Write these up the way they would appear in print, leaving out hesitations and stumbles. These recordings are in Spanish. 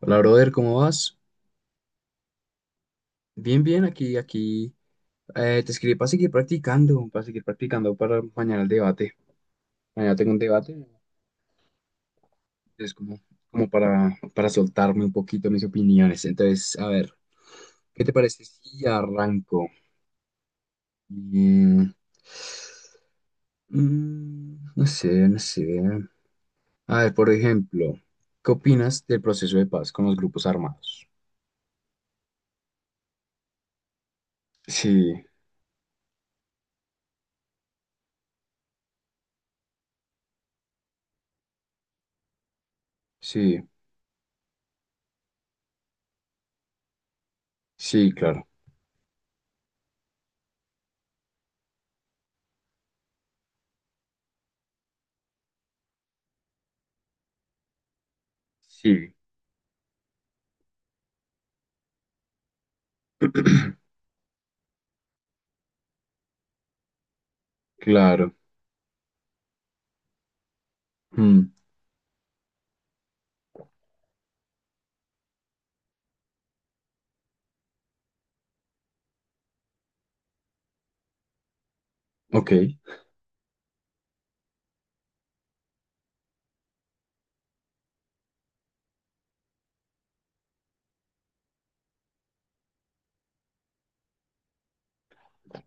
Hola, brother, ¿cómo vas? Bien, bien, aquí, aquí. Te escribí para seguir practicando, para mañana el debate. Mañana tengo un debate, es como para, soltarme un poquito mis opiniones. Entonces, a ver, ¿qué te parece si arranco? Mm, no sé, no sé. A ver, por ejemplo, ¿qué opinas del proceso de paz con los grupos armados? Sí, sí, sí, claro. Sí. Claro. Mm, ok,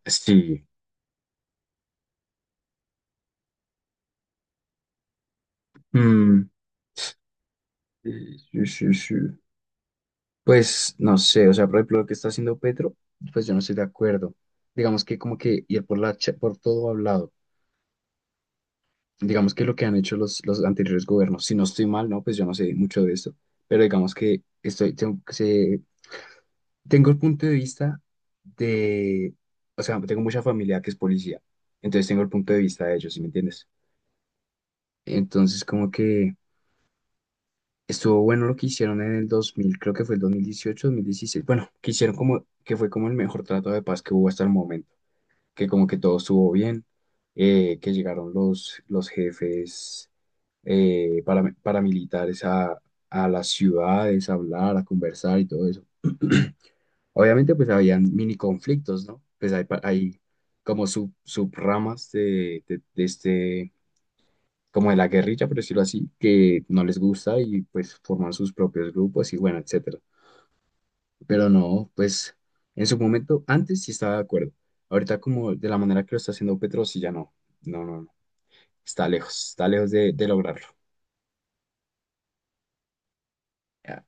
sí. Mm, sí, sí, sí. Pues no sé, o sea, por ejemplo, lo que está haciendo Petro, pues yo no estoy de acuerdo. Digamos que como que ir por todo hablado. Digamos que lo que han hecho los anteriores gobiernos, si no estoy mal, ¿no? Pues yo no sé mucho de esto, pero digamos que estoy, tengo, tengo el punto de vista de, o sea, tengo mucha familia que es policía, entonces tengo el punto de vista de ellos, ¿sí me entiendes? Entonces como que. Estuvo bueno lo que hicieron en el 2000, creo que fue el 2018, 2016. Bueno, que hicieron como, que fue como el mejor trato de paz que hubo hasta el momento, que como que todo estuvo bien, que llegaron los jefes, paramilitares a, las ciudades a hablar, a conversar y todo eso. Obviamente pues habían mini conflictos, ¿no? Pues hay, hay como subramas de, este, como de la guerrilla, por decirlo así, que no les gusta y pues forman sus propios grupos y bueno, etcétera. Pero no, pues en su momento antes sí estaba de acuerdo. Ahorita como de la manera que lo está haciendo Petro, sí ya no. No, no, no. Está lejos de, lograrlo. Ya.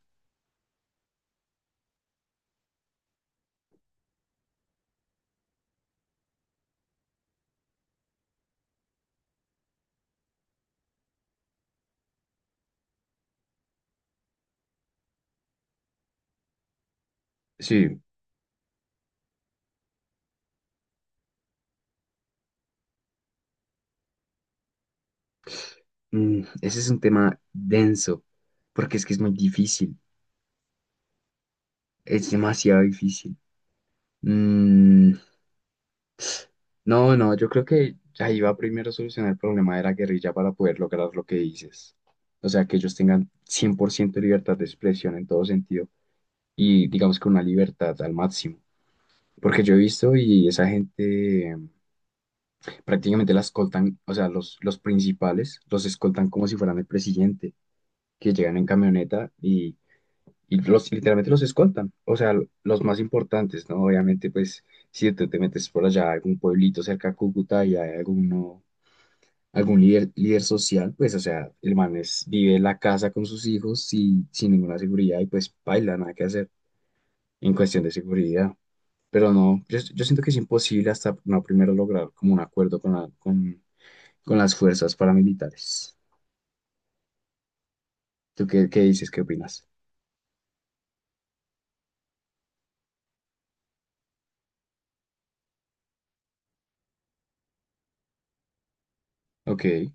Sí, ese es un tema denso, porque es que es muy difícil, es demasiado difícil. Mm, no, no, yo creo que ahí va primero a solucionar el problema de la guerrilla para poder lograr lo que dices. O sea, que ellos tengan 100% libertad de expresión en todo sentido y digamos que una libertad al máximo. Porque yo he visto y esa gente prácticamente la escoltan, o sea, los principales los escoltan como si fueran el presidente, que llegan en camioneta y los, literalmente los escoltan, o sea, los más importantes, ¿no? Obviamente, pues, si tú te metes por allá a algún pueblito cerca a Cúcuta y hay alguno, algún líder, social, pues, o sea, el man vive en la casa con sus hijos y sin ninguna seguridad y pues baila, nada que hacer en cuestión de seguridad. Pero no, yo siento que es imposible hasta no primero lograr como un acuerdo con las fuerzas paramilitares. ¿Tú qué, dices? ¿Qué opinas? Ok.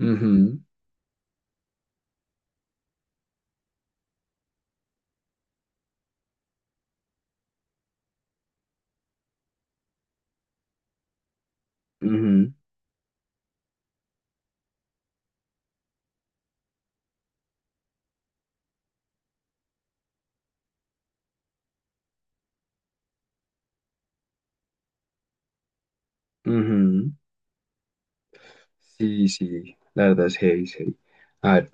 Ujú, ujú, ujú. Sí, sí, la verdad es heavy, es heavy. A ver,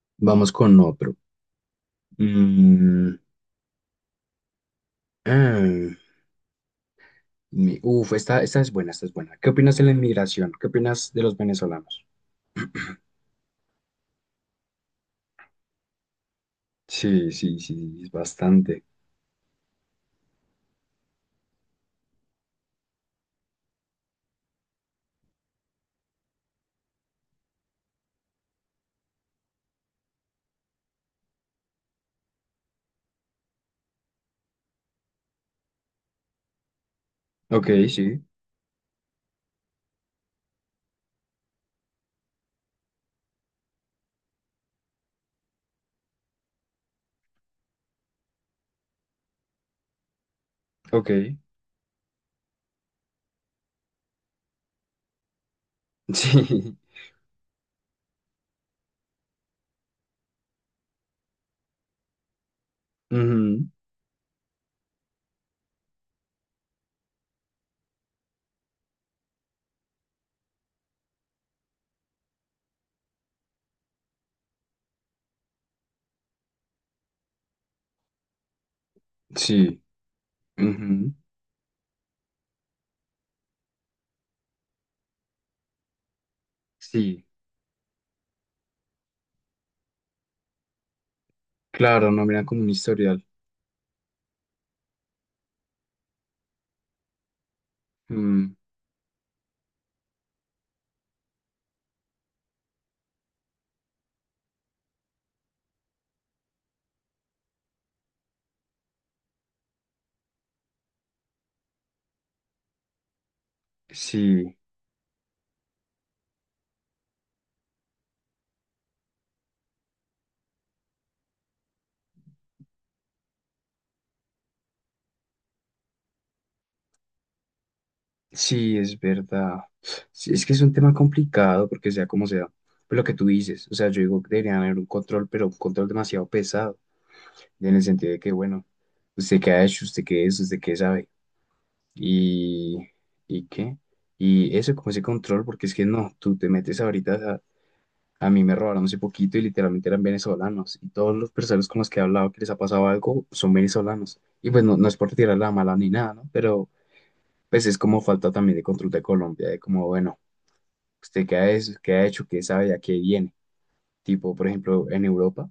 vamos con otro. Mm, ah, uf, esta es buena, esta es buena. ¿Qué opinas de la inmigración? ¿Qué opinas de los venezolanos? Sí, sí, sí, es bastante. Ok, sí, ok. Sí. Ujú, sí. Ujú, sí, claro, no miran como un historial. Mm, sí, sí, es verdad. Sí, es que es un tema complicado porque sea como sea, pues lo que tú dices, o sea, yo digo que deberían haber un control, pero un control demasiado pesado, en el sentido de que, bueno, usted qué ha hecho, usted qué es, usted qué sabe, y, qué, y eso como ese control, porque es que no, tú te metes ahorita. A mí me robaron hace poquito y literalmente eran venezolanos. Y todos los personas con los que he hablado que les ha pasado algo son venezolanos. Y pues no, no es por tirar la mala ni nada, ¿no? Pero pues es como falta también de control de Colombia, de como, bueno, ¿usted qué ha, qué ha hecho? ¿Qué sabe? ¿A qué viene? Tipo, por ejemplo, en Europa,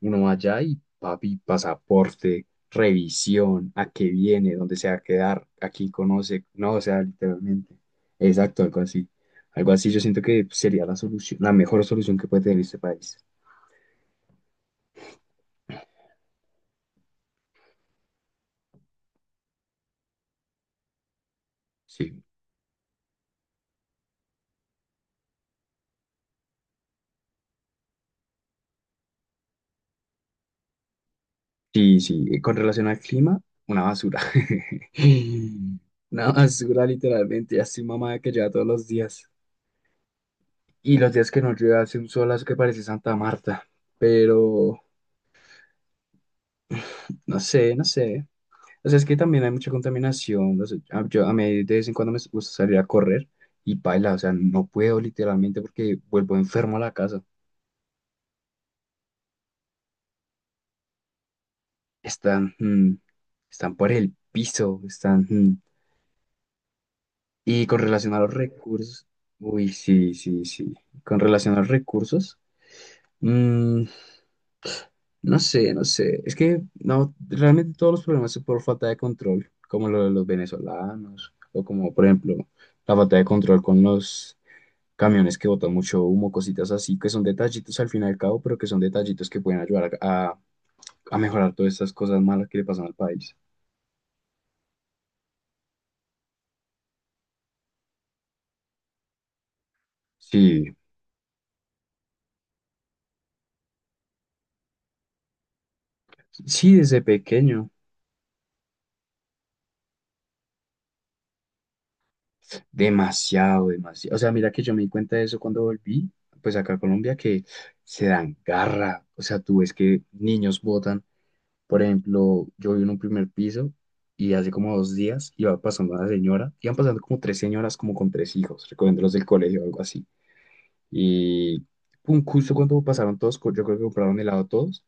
uno va allá y papi, pasaporte, revisión, ¿a qué viene? ¿Dónde se va a quedar? ¿A quién conoce? No, o sea, literalmente. Exacto, algo así. Algo así yo siento que sería la solución, la mejor solución que puede tener este país. Sí. Sí, sí, con relación al clima, una basura. Una basura, literalmente. Ya estoy mamada que lleva todos los días. Y los días que no llueve hace un solazo que parece Santa Marta. Pero no sé, no sé. O sea, es que también hay mucha contaminación. No sé, yo a mí de vez en cuando me gusta salir a correr y paila. O sea, no puedo literalmente porque vuelvo enfermo a la casa. Están, están por el piso, Y con relación a los recursos, uy, sí, sí, sí. Con relación a los recursos, mm, no sé, no sé. Es que no, realmente todos los problemas son por falta de control, como lo de los venezolanos, o como por ejemplo la falta de control con los camiones que botan mucho humo, cositas así, que son detallitos al fin y al cabo, pero que son detallitos que pueden ayudar a, mejorar todas estas cosas malas que le pasan al país. Sí, sí, desde pequeño. Demasiado, demasiado. O sea, mira que yo me di cuenta de eso cuando volví, pues acá a Colombia, que se dan garra. O sea, tú ves que niños botan. Por ejemplo, yo vivo en un primer piso y hace como 2 días iba pasando una señora, iban pasando como tres señoras, como con tres hijos, recogiéndolos del colegio o algo así. Y pum, justo cuando pasaron todos, yo creo que compraron helado todos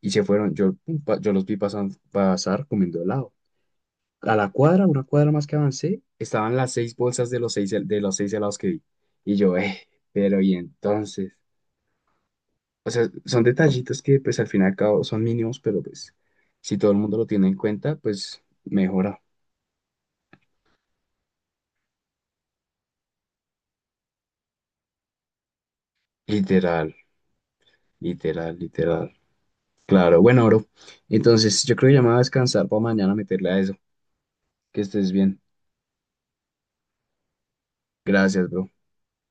y se fueron. Yo, pum, yo los vi pasar comiendo helado. A la cuadra, una cuadra más que avancé, estaban las seis bolsas de los seis, de los seis helados que vi. Y yo, pero y entonces. O sea, son detallitos que pues al fin y al cabo son mínimos, pero pues si todo el mundo lo tiene en cuenta, pues mejora. Literal, literal, literal. Claro, bueno, bro. Entonces yo creo que ya me voy a descansar para mañana meterle a eso. Que estés bien. Gracias, bro.